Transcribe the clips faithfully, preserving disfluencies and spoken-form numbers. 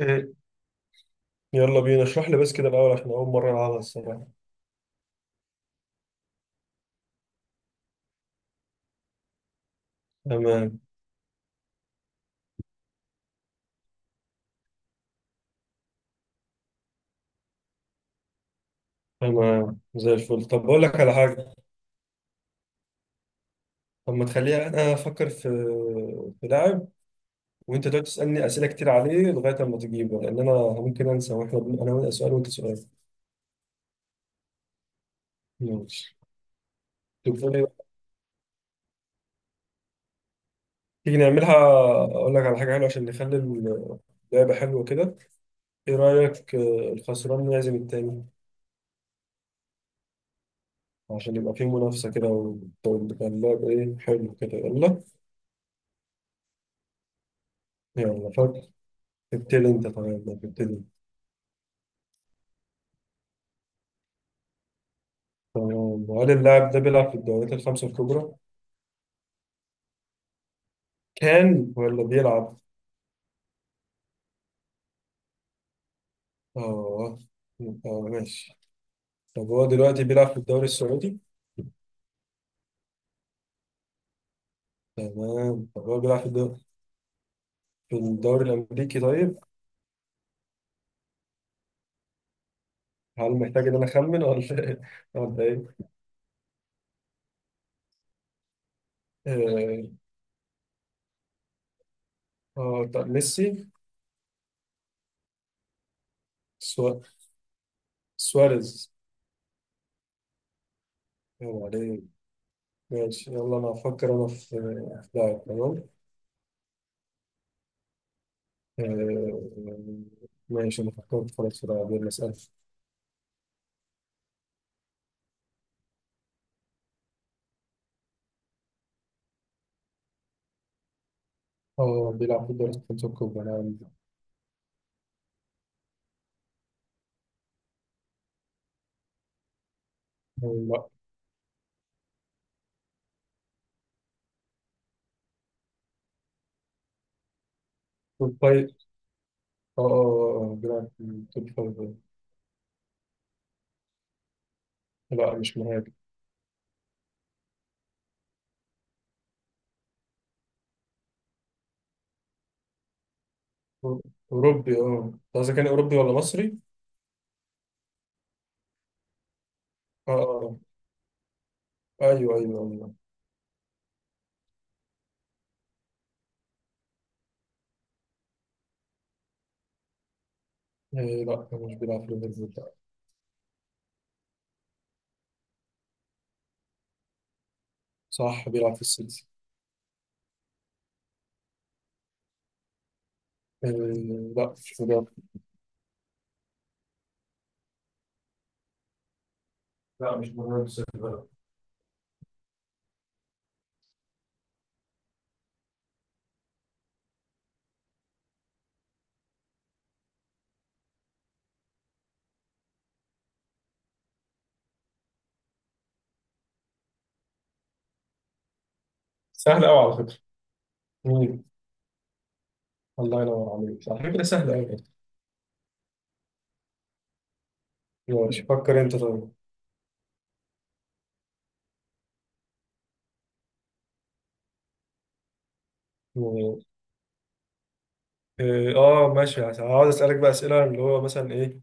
إيه. يلا بينا اشرح لي بس كده الأول عشان أول مرة ألعبها الصراحة. تمام. تمام زي الفل، طب بقول لك على حاجة. طب ما تخليها أنا أفكر في في لاعب وأنت تقعد تسألني أسئلة كتير عليه لغاية أما تجيبه، لأن أنا ممكن أنسى، وإحنا بن- أنا وأنت سؤال وأنت سؤال. ماشي. طب بتقول إيه؟ تيجي نعملها، أقول لك على حاجة حلوة عشان نخلي اللعبة حلوة كده. إيه رأيك آه، الخسران يعزم التاني، عشان يبقى فيه منافسة كده، وتبقى اللعبة إيه حلو كده. يلا. يلا فكر. ابتدي انت طيب، ما تبتدي. تمام، وهل اللاعب ده بيلعب في الدوريات الخمسة الكبرى؟ كان ولا بيلعب؟ اه. اه ماشي. طب هو دلوقتي بيلعب في الدوري السعودي؟ تمام. طب هو بيلعب في الدوري في الدوري الأمريكي طيب؟ هل محتاج إن أنا أخمن ولا إيه؟ ولا إيه؟ اه. آه، طب ميسي. سوا- سواريز. يلا عليك. ماشي، يلا أنا هفكر أنا في في لاعب، تمام؟ آه، ماشي. أنا فكرت خلاص في لاعب، يلا اسأل. اه بيلعب في الدوري الخمسة الكبرى لا، لا. توب فايف، اه اه آه، بيلعب في التوب فايف آه. لا مش مهاجم. أو- أوروبي. اه أنت قصدك كان أوروبي ولا مصري؟ اه. اه أيوه أيوه أيوه. إيه لا، هو مش بيلعب في ليفربول لا. صح بيلعب في السيتي. إيه لا مش بيلعب. لا مش مهاجم السيتي لا. سهل أوي على فكرة. مم. الله ينور عليك، على فكرة سهل أوي. ماشي فكر أنت طيب. مم. إيه، اه ماشي، هقعد اسالك بقى اسئله اللي هو مثلا ايه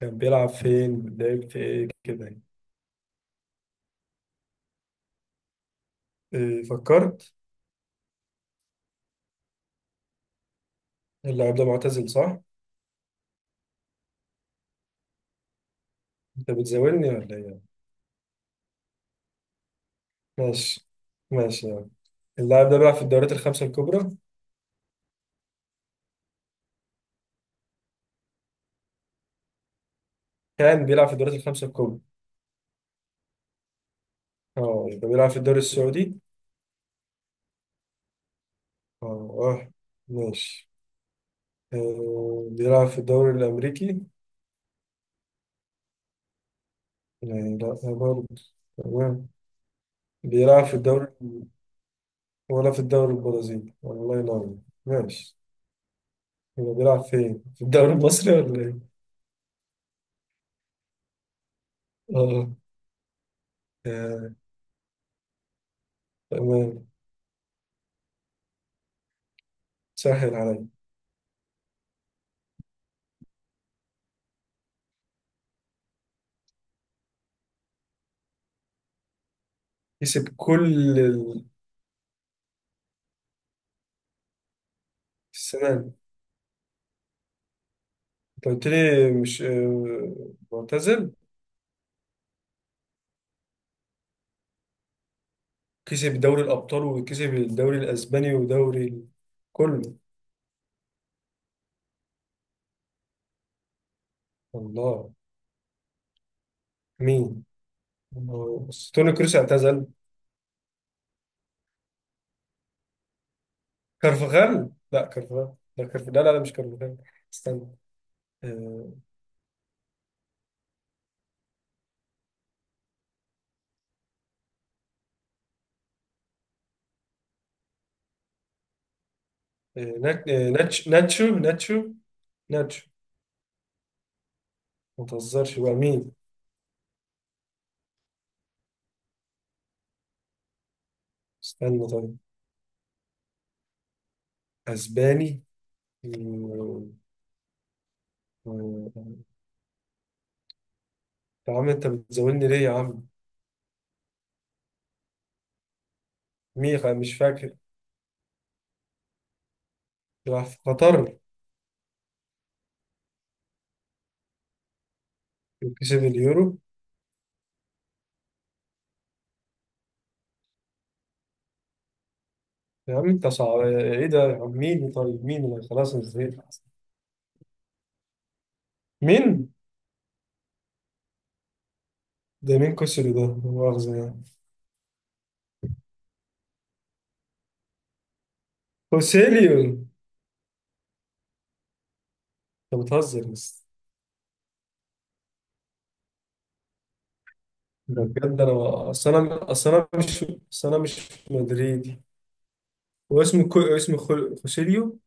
كان بيلعب فين، لعب في ايه كده يعني. إيه فكرت. اللاعب ده معتزل صح. انت بتزاولني ولا ايه. ماشي. ماشي يعني. اللاعب ده بيلعب في الدوريات الخمسة الكبرى. كان بيلعب في الدوريات الخمسة الكبرى. اه يبقى بيلعب في الدوري السعودي. اه. اه ماشي. آه، بيلعب في الدوري الأمريكي. يعني لا برضه. تمام. بيلعب في الدوري ولا في الدوري البرازيلي. الله ينور. ماشي. هو بيلعب فين؟ في الدوري المصري ولا ايه؟ اه. آه. تمام. سهل عليا. كسب كل ال- السنة. انت قلت لي مش آه، معتزل. كسب دوري الأبطال وكسب الدوري الأسباني ودوري ال- كله. الله. مين؟ الله. بس توني كروس اعتزل. كارفغال، لا كارفغال، لا كارفغال، لا لا لا، مش كارفغال. استنى. آه، آه، نات- آه، ناتش- ناتشو ناتشو ناتشو. ما تهزرش بقى، مين؟ استنى طيب. أسباني. آه، آه، يا عم انت بتزولني ليه يا عم. ميخا مش فاكر. راح في قطر. كسب اليورو. يا عم انت صعب ايه ده يا عم، مين طيب، مين اللي، خلاص أنا زهقت. مين؟ ده مين كوسيلي ده، لا مؤاخذة يعني. كوسيليو. انت بتهزر بس. ده بجد انا اصل انا اصل انا مش، اصل انا مش مدريدي. واسم كو... اسم خل... كوسيليو.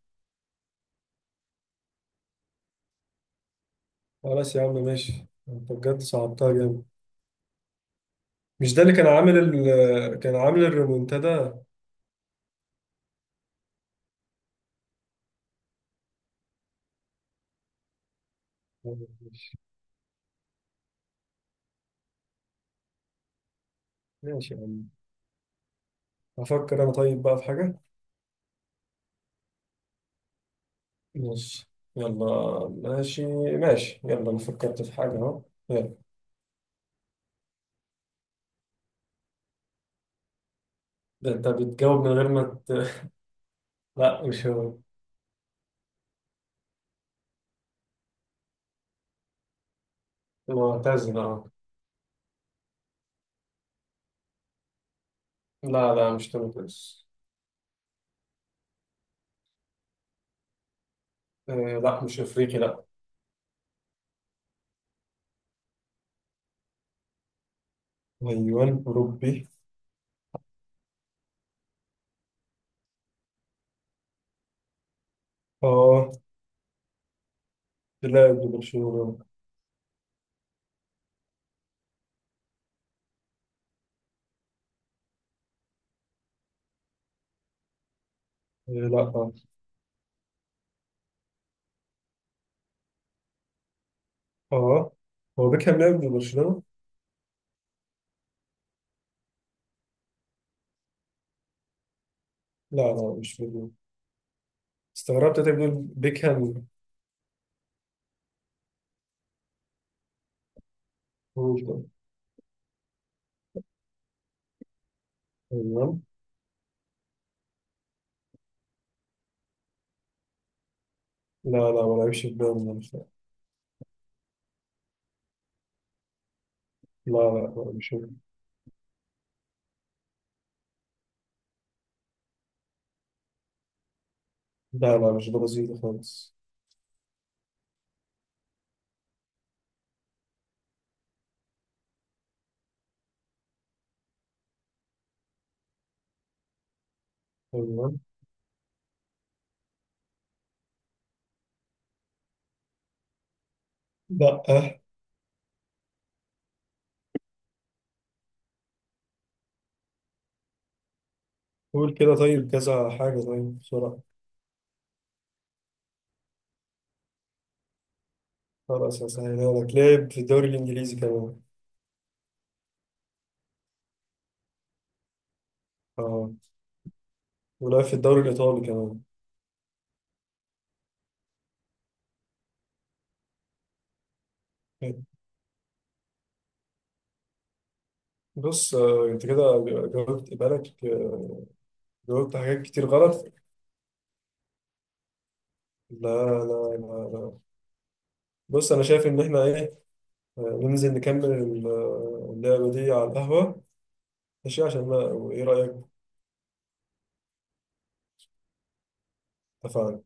خلاص يا عم ماشي. انت بجد صعبتها جامد. مش ده اللي كان عامل ال... كان عامل الريمونتادا. طيب ماشي. ماشي يا عم. أفكر أنا طيب بقى في حاجة. ماشي. يلا. ماشي. ماشي يلا، أنا فكرت في حاجة أهو. يلا. ده أنت بتجاوب من غير ما ت... لا مش هو. معتزل أه. لا لا مش تونس. آه. لا مش أفريقي لا. أيوة أوروبي. أه. لاعب لبرشلونة. آه لا أه. أه. هو بيكهام لاعب لبرشلونة؟ لا لا مش بيكهام. استغربت أنت بتقول بيكهام. هو ده. أيوة. لا لا ما لعبش في بالي. لا لا لا مش هو. لا لا مش برازيلي خالص. تمام. لا أه. قول كده طيب كذا حاجة طيب بسرعة. خلاص هسهلها لك، لعب في الدوري الإنجليزي كمان. اه. ولعب في الدوري الإيطالي كمان. بص آه، انت كده جاوبت، بالك آه، جاوبت حاجات كتير غلط. لا لا لا, لا. بص انا شايف ان احنا ايه آه، ننزل نكمل ال- آه، اللعبة دي على القهوة، ماشي؟ عشان ما ايه رأيك. اتفقنا.